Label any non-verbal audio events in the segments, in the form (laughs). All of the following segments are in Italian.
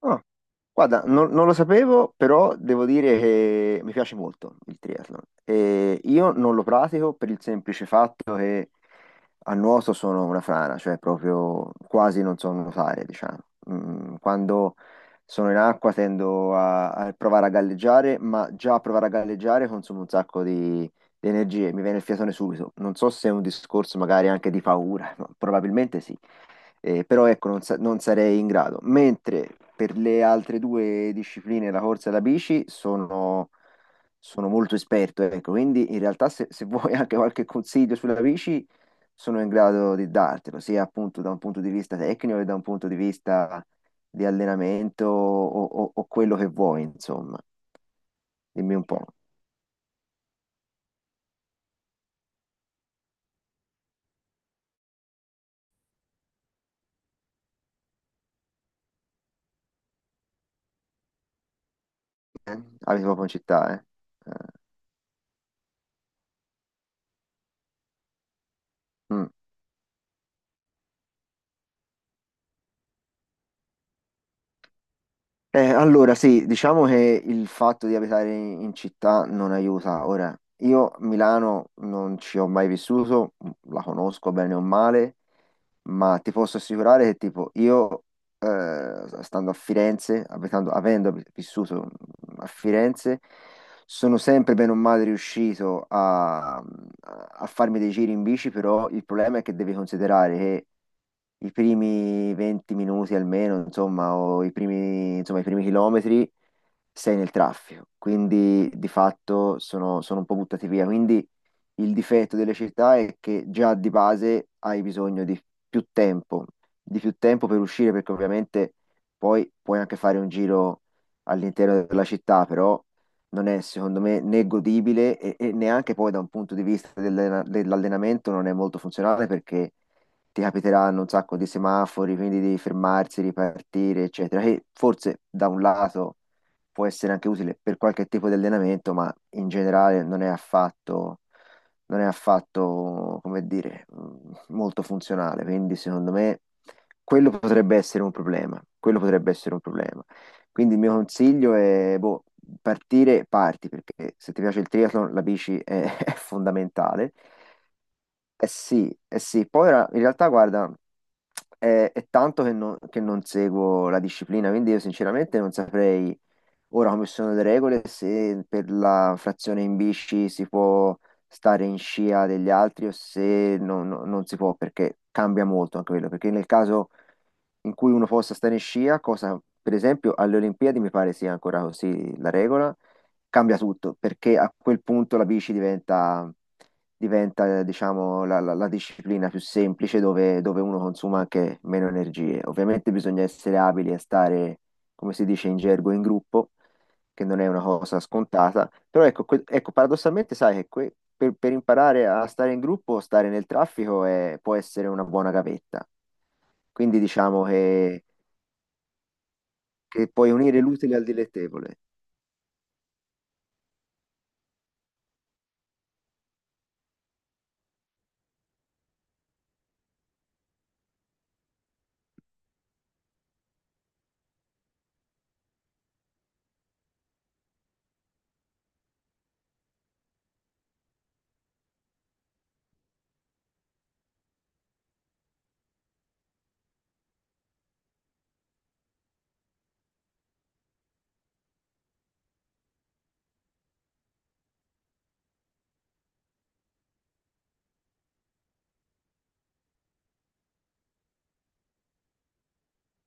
Ah, guarda, non lo sapevo, però devo dire che mi piace molto il triathlon. E io non lo pratico per il semplice fatto che a nuoto sono una frana, cioè proprio quasi non so nuotare, diciamo. Quando sono in acqua tendo a provare a galleggiare, ma già a provare a galleggiare consumo un sacco di energie, mi viene il fiatone subito. Non so se è un discorso magari anche di paura, (laughs) ma probabilmente sì. Però ecco, non sarei in grado. Mentre per le altre due discipline, la corsa e la bici, sono molto esperto, ecco. Quindi in realtà se (laughs) vuoi anche qualche consiglio sulla bici, sono in grado di dartelo, sia appunto da un punto di vista tecnico che da un punto di vista di allenamento o quello che vuoi, insomma. Dimmi un po'. Eh? Abiti proprio in città, eh? Eh, mm. Allora sì, diciamo che il fatto di abitare in città non aiuta. Ora, io Milano non ci ho mai vissuto, la conosco bene o male, ma ti posso assicurare che tipo io, stando a Firenze, avendo vissuto a Firenze, sono sempre bene o male riuscito a farmi dei giri in bici, però il problema è che devi considerare che i primi 20 minuti almeno, insomma, o i primi, insomma, i primi chilometri sei nel traffico, quindi di fatto sono un po' buttati via. Quindi il difetto delle città è che già di base hai bisogno più tempo, di più tempo per uscire, perché ovviamente poi puoi anche fare un giro all'interno della città, però non è secondo me né godibile e neanche poi da un punto di vista dell'allenamento non è molto funzionale perché ti capiteranno un sacco di semafori, quindi devi fermarsi, ripartire, eccetera, che forse da un lato può essere anche utile per qualche tipo di allenamento, ma in generale non è affatto, come dire, molto funzionale, quindi secondo me quello potrebbe essere un problema, quello potrebbe essere un problema. Quindi il mio consiglio è, boh, parti, perché se ti piace il triathlon la bici è, (laughs) è fondamentale. Sì, eh sì, poi ora, in realtà guarda, è tanto che non seguo la disciplina, quindi io sinceramente non saprei. Ora, come sono le regole, se per la frazione in bici si può stare in scia degli altri o se non si può, perché cambia molto anche quello, perché nel caso in cui uno possa stare in scia, cosa per esempio alle Olimpiadi mi pare sia ancora così la regola, cambia tutto, perché a quel punto la bici diventa, diciamo, la disciplina più semplice dove, dove uno consuma anche meno energie. Ovviamente bisogna essere abili a stare, come si dice in gergo, in gruppo che non è una cosa scontata. Però ecco, ecco, paradossalmente, sai che per imparare a stare in gruppo, stare nel traffico può essere una buona gavetta. Quindi diciamo che puoi unire l'utile al dilettevole.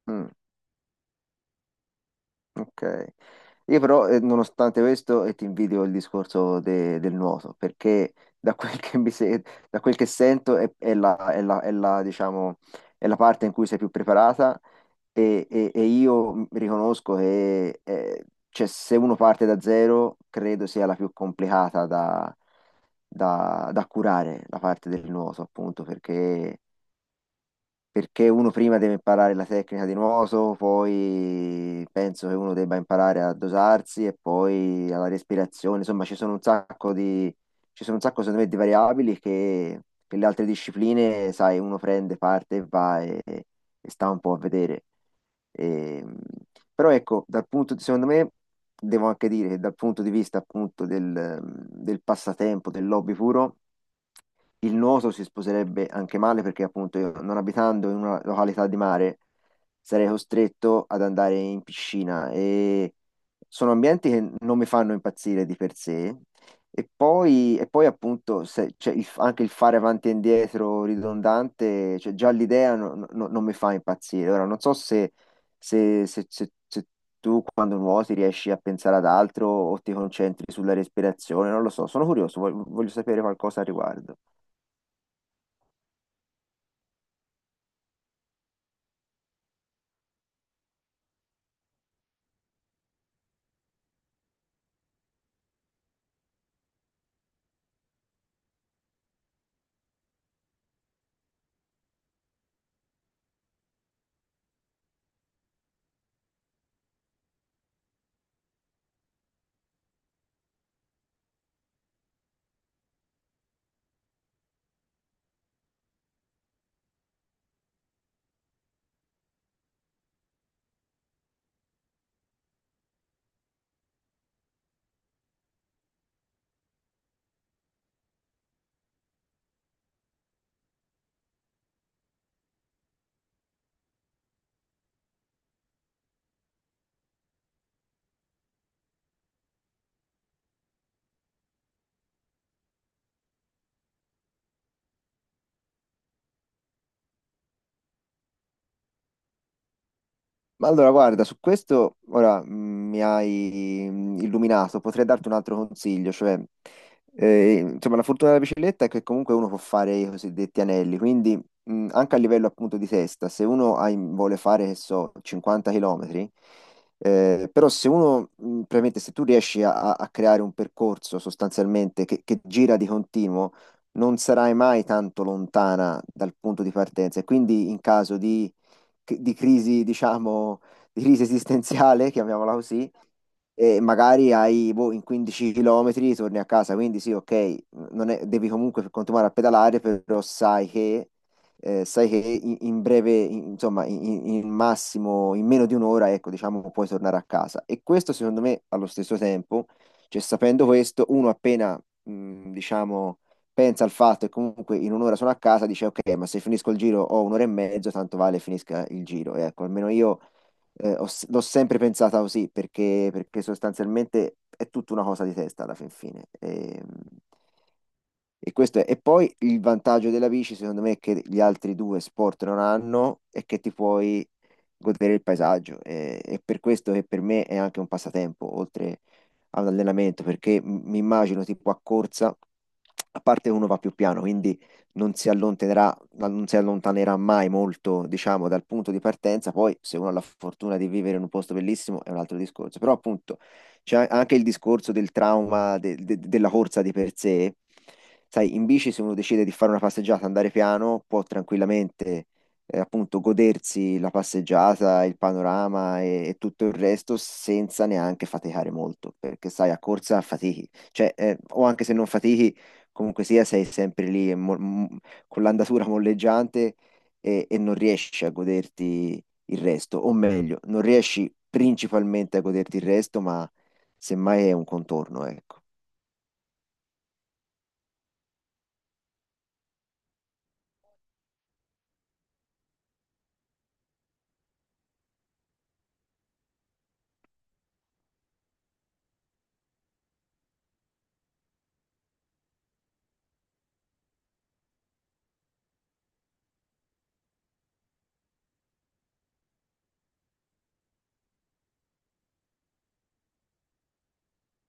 Mm, ok. Io però, nonostante questo, ti invidio il discorso del nuoto, perché da quel che mi se- da quel che sento è la, diciamo, è la parte in cui sei più preparata. E io riconosco che cioè, se uno parte da zero, credo sia la più complicata da curare, la parte del nuoto, appunto, perché uno prima deve imparare la tecnica di nuoto, poi penso che uno debba imparare a dosarsi e poi alla respirazione. Insomma, ci sono un sacco, secondo me, di variabili che le altre discipline, sai, uno prende parte e va e sta un po' a vedere. E, però ecco, dal punto di, secondo me, devo anche dire che dal punto di vista appunto del passatempo, del hobby puro, il nuoto si sposerebbe anche male perché appunto io non abitando in una località di mare sarei costretto ad andare in piscina e sono ambienti che non mi fanno impazzire di per sé e poi appunto cioè, anche il fare avanti e indietro ridondante, cioè, già l'idea non mi fa impazzire. Ora non so se tu quando nuoti riesci a pensare ad altro o ti concentri sulla respirazione, non lo so, sono curioso, voglio sapere qualcosa al riguardo. Ma allora, guarda, su questo ora mi hai illuminato, potrei darti un altro consiglio, cioè, insomma, la fortuna della bicicletta è che comunque uno può fare i cosiddetti anelli, quindi anche a livello appunto di testa, se uno vuole fare, che so, 50 km, però se uno, probabilmente se tu riesci a creare un percorso sostanzialmente che gira di continuo, non sarai mai tanto lontana dal punto di partenza e quindi in caso di crisi, diciamo, di crisi esistenziale, (laughs) chiamiamola così, e magari hai, boh, in 15 km torni a casa, quindi sì, ok, non è- devi comunque continuare a pedalare, però sai che in breve, insomma, in massimo, in meno di un'ora, ecco, diciamo, puoi tornare a casa. E questo, secondo me, allo stesso tempo, cioè sapendo questo, uno appena, diciamo pensa al fatto che comunque in un'ora sono a casa, dice ok, ma se finisco il giro ho un'ora e mezzo, tanto vale finisca il giro. E ecco, almeno io l'ho sempre pensata così perché sostanzialmente è tutta una cosa di testa alla fin fine. E questo è. E poi il vantaggio della bici, secondo me, che gli altri due sport non hanno è che ti puoi godere il paesaggio. E per questo che per me è anche un passatempo, oltre a un allenamento, perché mi immagino tipo a corsa, a parte uno va più piano, quindi non si allontanerà ma non si allontanerà mai molto, diciamo, dal punto di partenza. Poi, se uno ha la fortuna di vivere in un posto bellissimo, è un altro discorso. Però, appunto, c'è anche il discorso del trauma della corsa di per sé. Sai, in bici, se uno decide di fare una passeggiata, andare piano, può tranquillamente, appunto, godersi la passeggiata, il panorama e tutto il resto senza neanche faticare molto, perché sai, a corsa fatichi, cioè, o anche se non fatichi comunque sia, sei sempre lì e con l'andatura molleggiante e non riesci a goderti il resto, o meglio, non riesci principalmente a goderti il resto, ma semmai è un contorno, ecco.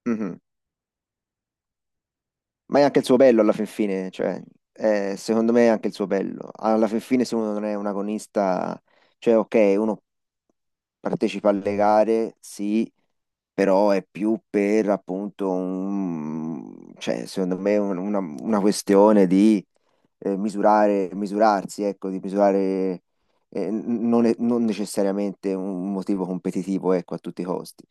Mhm. Ma è anche il suo bello alla fin fine, cioè, secondo me è anche il suo bello. Alla fin fine, se uno non è un agonista, cioè, ok, uno partecipa alle gare, sì, però è più per appunto un, cioè, secondo me una questione di misurare, misurarsi, ecco, di misurare non necessariamente un motivo competitivo, ecco, a tutti i costi.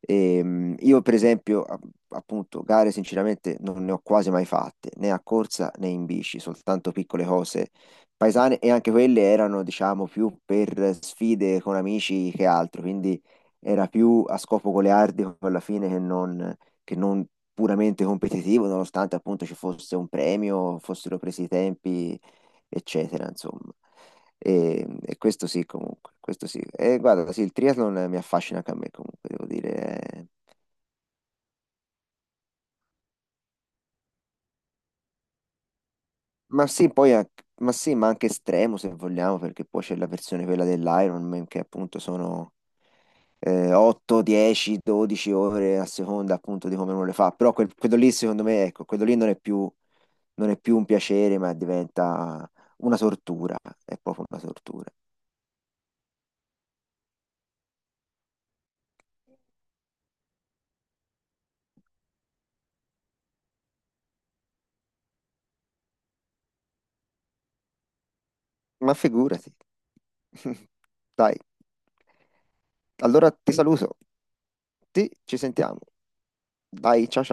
Io, per esempio, appunto, gare sinceramente non ne ho quasi mai fatte, né a corsa né in bici, soltanto piccole cose paesane e anche quelle erano, diciamo, più per sfide con amici che altro, quindi era più a scopo goliardico alla fine che non che non puramente competitivo, nonostante appunto ci fosse un premio, fossero presi i tempi, eccetera, insomma. E questo sì, comunque, questo sì. E guarda, sì, il triathlon mi affascina anche a me, comunque, devo dire. Ma sì, ma sì, ma anche estremo se vogliamo, perché poi c'è la versione quella dell'Ironman che appunto sono 8, 10, 12 ore a seconda appunto di come uno le fa. Però quello lì, secondo me, ecco, quello lì non è più un piacere, ma diventa una tortura, è proprio una tortura. Ma figurati. (laughs) Dai, allora ti saluto. Ci sentiamo. Dai, ciao ciao.